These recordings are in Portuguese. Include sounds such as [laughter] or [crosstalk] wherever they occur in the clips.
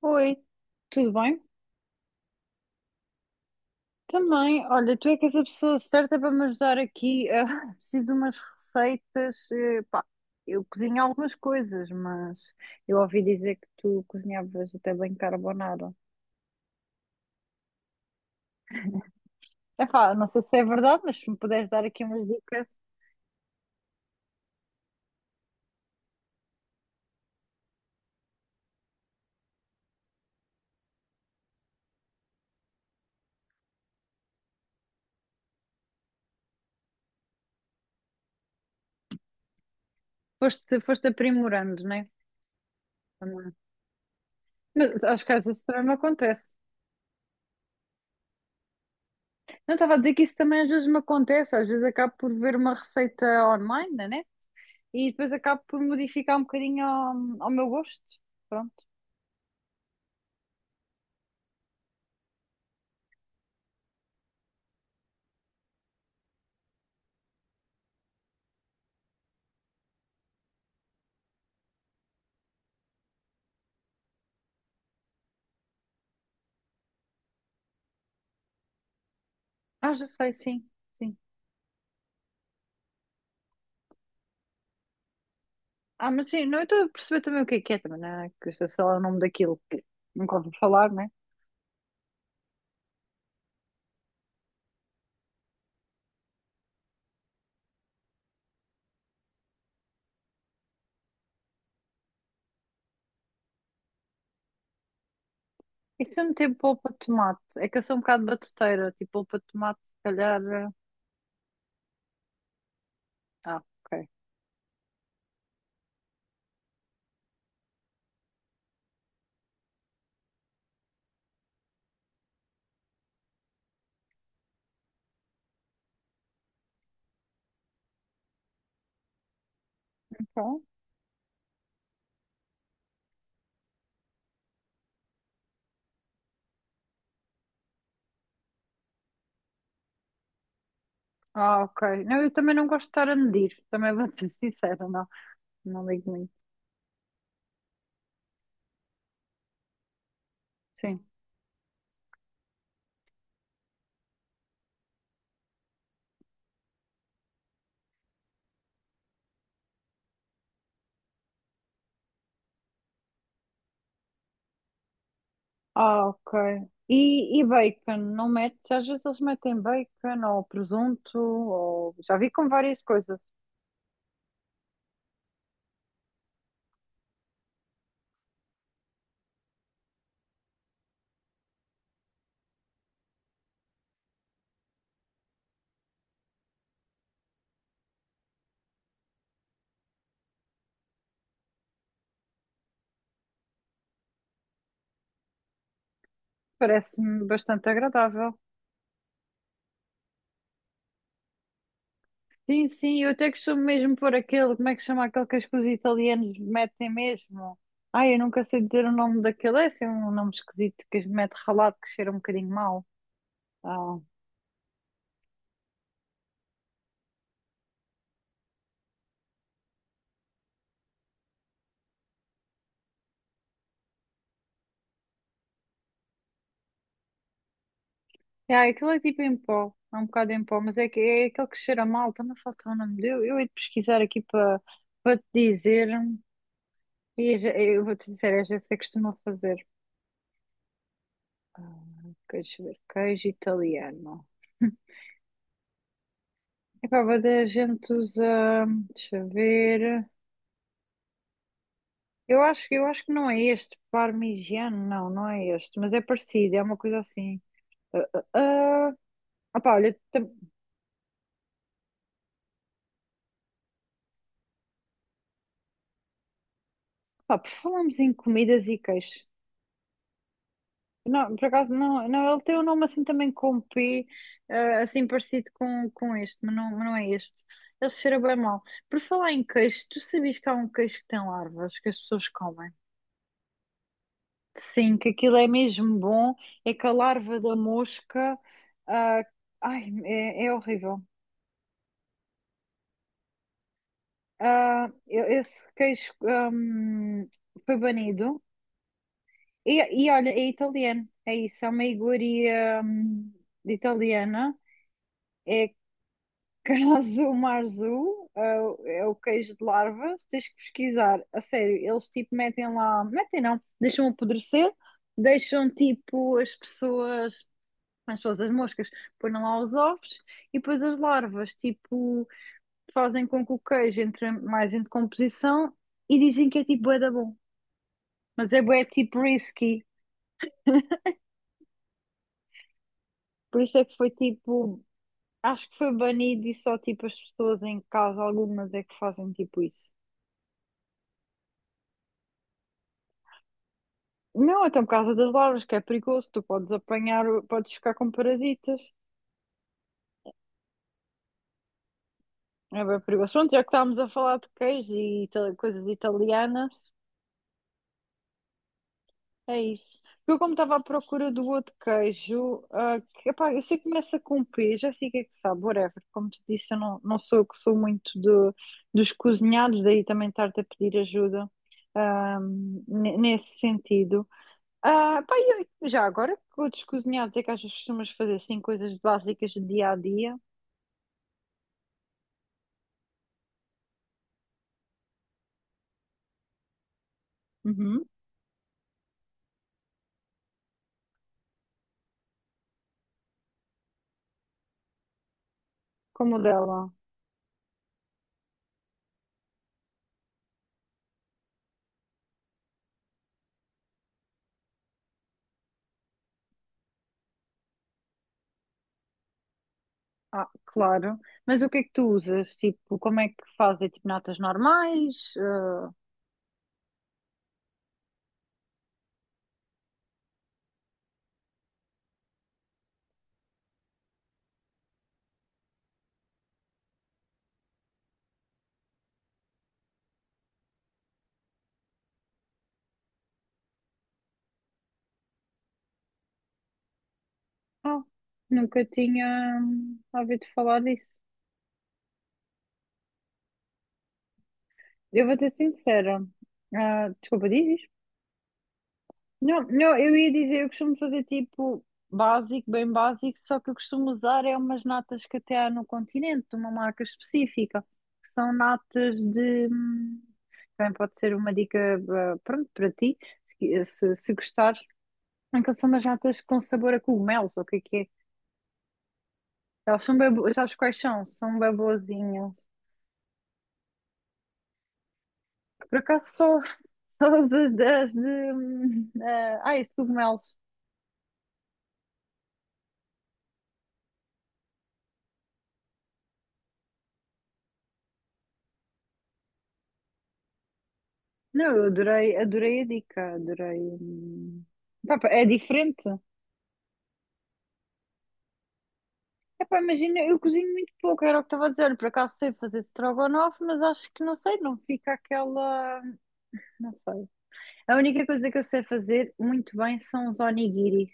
Oi, tudo bem? Também, olha, tu é que és a pessoa certa para me ajudar aqui. Ah, [laughs] preciso de umas receitas. Eu cozinho algumas coisas, mas eu ouvi dizer que tu cozinhavas até bem carbonara. Epá, não sei se é verdade, mas se me puderes dar aqui umas dicas, foste aprimorando, não é? Também. Mas acho que às vezes também me acontece. Não estava a dizer que isso também às vezes me acontece, às vezes acabo por ver uma receita online, né? E depois acabo por modificar um bocadinho ao meu gosto. Pronto. Ah, já sei, sim, sim. Ah, mas sim, não, eu estou a perceber também o que é, também, né? Que eu sei lá o nome daquilo que nunca ouvi falar, né? E se eu meter polpa de tomate? É que eu sou um bocado batuteira, tipo, polpa de tomate, se calhar. Ah, ok. Então, ah, ok. Não, eu também não gosto de estar a medir, também vou ser [laughs] sincera, não. Não ligo muito. Sim. Ah, ok. E, e bacon, não metes? Às vezes eles metem bacon ou presunto, ou já vi com várias coisas. Parece-me bastante agradável. Sim, sim, eu até costumo mesmo pôr aquele, como é que chama aquele que os italianos metem mesmo? Ai, eu nunca sei dizer o nome daquele, é assim um nome esquisito que mete ralado que cheira um bocadinho mal. Ah, é, aquilo é tipo em pó, é um bocado em pó, mas é, que, é aquele que cheira mal, também falta o nome dele. Eu hei de pesquisar aqui para te dizer. E eu vou-te dizer, às vezes eu costumo fazer queijo, ver, queijo italiano. [laughs] Epá, mas a gente usa, deixa eu ver. Eu acho que não é este, parmigiano, não, não é este, mas é parecido, é uma coisa assim. Ah, ah, ah. Opá, olha, pá, por falarmos em comidas e queijo, não, por acaso, não, não, ele tem um nome assim também com P, assim parecido com este, mas não é este. Ele cheira bem mal. Por falar em queijo, tu sabias que há um queijo que tem larvas, que as pessoas comem? Sim, que aquilo é mesmo bom, é que a larva da mosca, ah, ai, é, é horrível. Esse queijo, foi banido. E olha, é italiano, é isso, é uma iguaria, italiana. É Caso marzu, é o é o queijo de larva, tens que pesquisar. A sério, eles tipo metem lá, metem não, deixam apodrecer, deixam tipo as pessoas, as pessoas, as moscas, põem lá os ovos e depois as larvas, tipo, fazem com que o queijo entre mais em decomposição e dizem que é tipo bué da bom. Mas é bué tipo risky, por isso é que foi tipo, acho que foi banido e só tipo as pessoas em casa, algumas é que fazem tipo isso. Não, então por causa das larvas, que é perigoso, tu podes apanhar, podes ficar com parasitas. É bem perigoso. Pronto, já que estávamos a falar de queijo e coisas italianas, é isso. Eu, como estava à procura do outro queijo, ah, que, epá, eu sei que começa com P, já sei o que é que sabe, whatever. Como te disse, eu não, não sou eu que sou muito de, dos cozinhados, daí também estar-te a pedir ajuda, ah, nesse sentido. Ah, pá, e já agora, outros cozinhados é que às vezes costumas fazer assim coisas básicas de dia a dia? Uhum, como o dela. Ah, claro. Mas o que é que tu usas? Tipo, como é que fazes? É tipo natas normais? Ah, nunca tinha ouvido falar disso. Eu vou ser sincera. Ah, desculpa, dizes? Não, não, eu ia dizer, eu costumo fazer tipo básico, bem básico, só que eu costumo usar é umas natas que até há no continente, de uma marca específica, que são natas de. Hum, também pode ser uma dica, ah, pronto, para ti se gostares. Aquelas são umas natas com sabor a cogumelos, ou o que é que é? Elas são bem boas, sabes quais são? São bem boazinhas. Por acaso só, [laughs] só as de. de, isso, cogumelos. Não, eu adorei, adorei a dica, adorei. Hum. Pá, pá, é diferente. Epá, imagina, eu cozinho muito pouco, era o que estava a dizer. Por acaso sei fazer strogonoff, mas acho que não sei, não fica aquela. Não sei. A única coisa que eu sei fazer muito bem são os onigiris.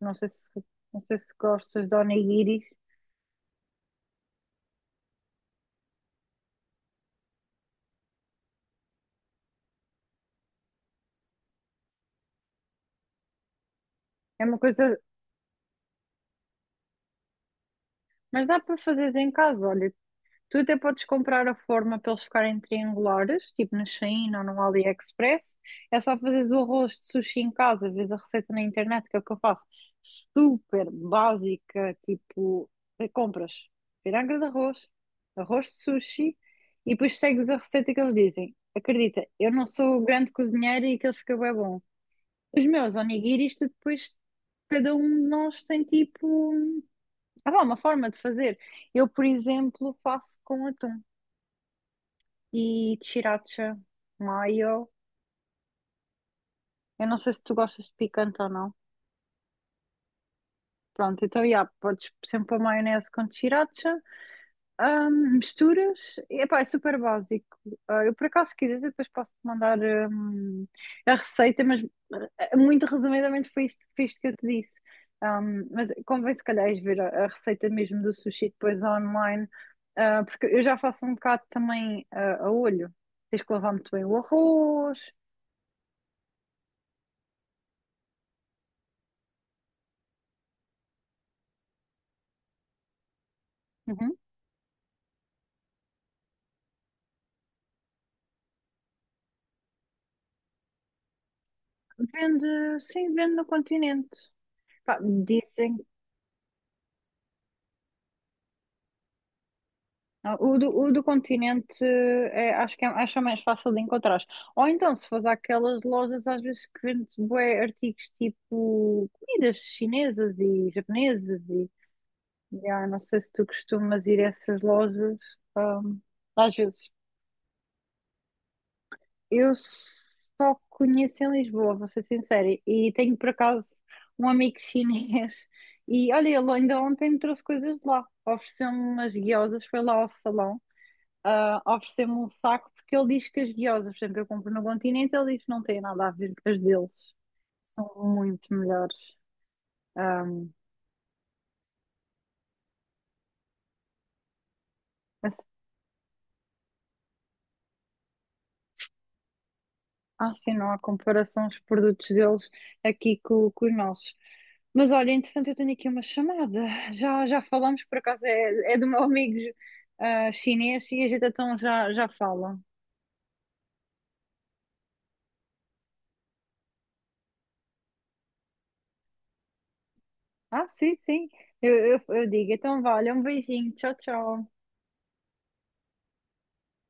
Não sei se, não sei se gostas de onigiris. É uma coisa, mas dá para fazeres em casa. Olha, tu até podes comprar a forma para eles ficarem triangulares, tipo na Shein ou no AliExpress. É só fazeres o arroz de sushi em casa, vês a receita na internet, que é o que eu faço. Super básica, tipo, compras piranga de arroz, arroz de sushi e depois segues a receita que eles dizem. Acredita, eu não sou grande cozinheira e aquilo fica bem bom. Os meus onigiris, tu depois, cada um de nós tem tipo. Há lá uma forma de fazer. Eu, por exemplo, faço com atum e sriracha, maio. Eu não sei se tu gostas de picante ou não. Pronto, então, já, podes sempre pôr maionese com sriracha. Misturas, epá, é super básico. Ah, eu, por acaso, se quiser, depois posso-te mandar a receita, mas ah, muito resumidamente foi isto que eu te disse. Mas convém, se calhar, ires ver a receita mesmo do sushi depois online, ah, porque eu já faço um bocado também ah, a olho. Tens que lavar muito bem o arroz. Uhum. Vende, sim, vende no continente. Pá, dizem não, o do Continente acho que é mais fácil de encontrar. Ou então, se fores àquelas lojas às vezes que vende bué artigos tipo comidas chinesas e japonesas e já, não sei se tu costumas ir a essas lojas, ahm, às vezes. Eu só conheço em Lisboa, vou ser sincera, e tenho por acaso um amigo [laughs] chinês e olha, ele ainda ontem me trouxe coisas de lá. Ofereceu-me umas guiosas, foi lá ao salão. Ah, oferecer-me um saco, porque ele diz que as guiosas, por exemplo, eu compro no Continente, ele diz que não tem nada a ver com as deles. São muito melhores. Ah, mas, ah, sim, não há comparação os produtos deles aqui com os nossos. Mas olha, entretanto, eu tenho aqui uma chamada. Já falamos, por acaso é do meu amigo ah, chinês e a gente então já, já fala. Ah, sim, sim. Eu, eu digo. Então, vale, um beijinho. Tchau, tchau.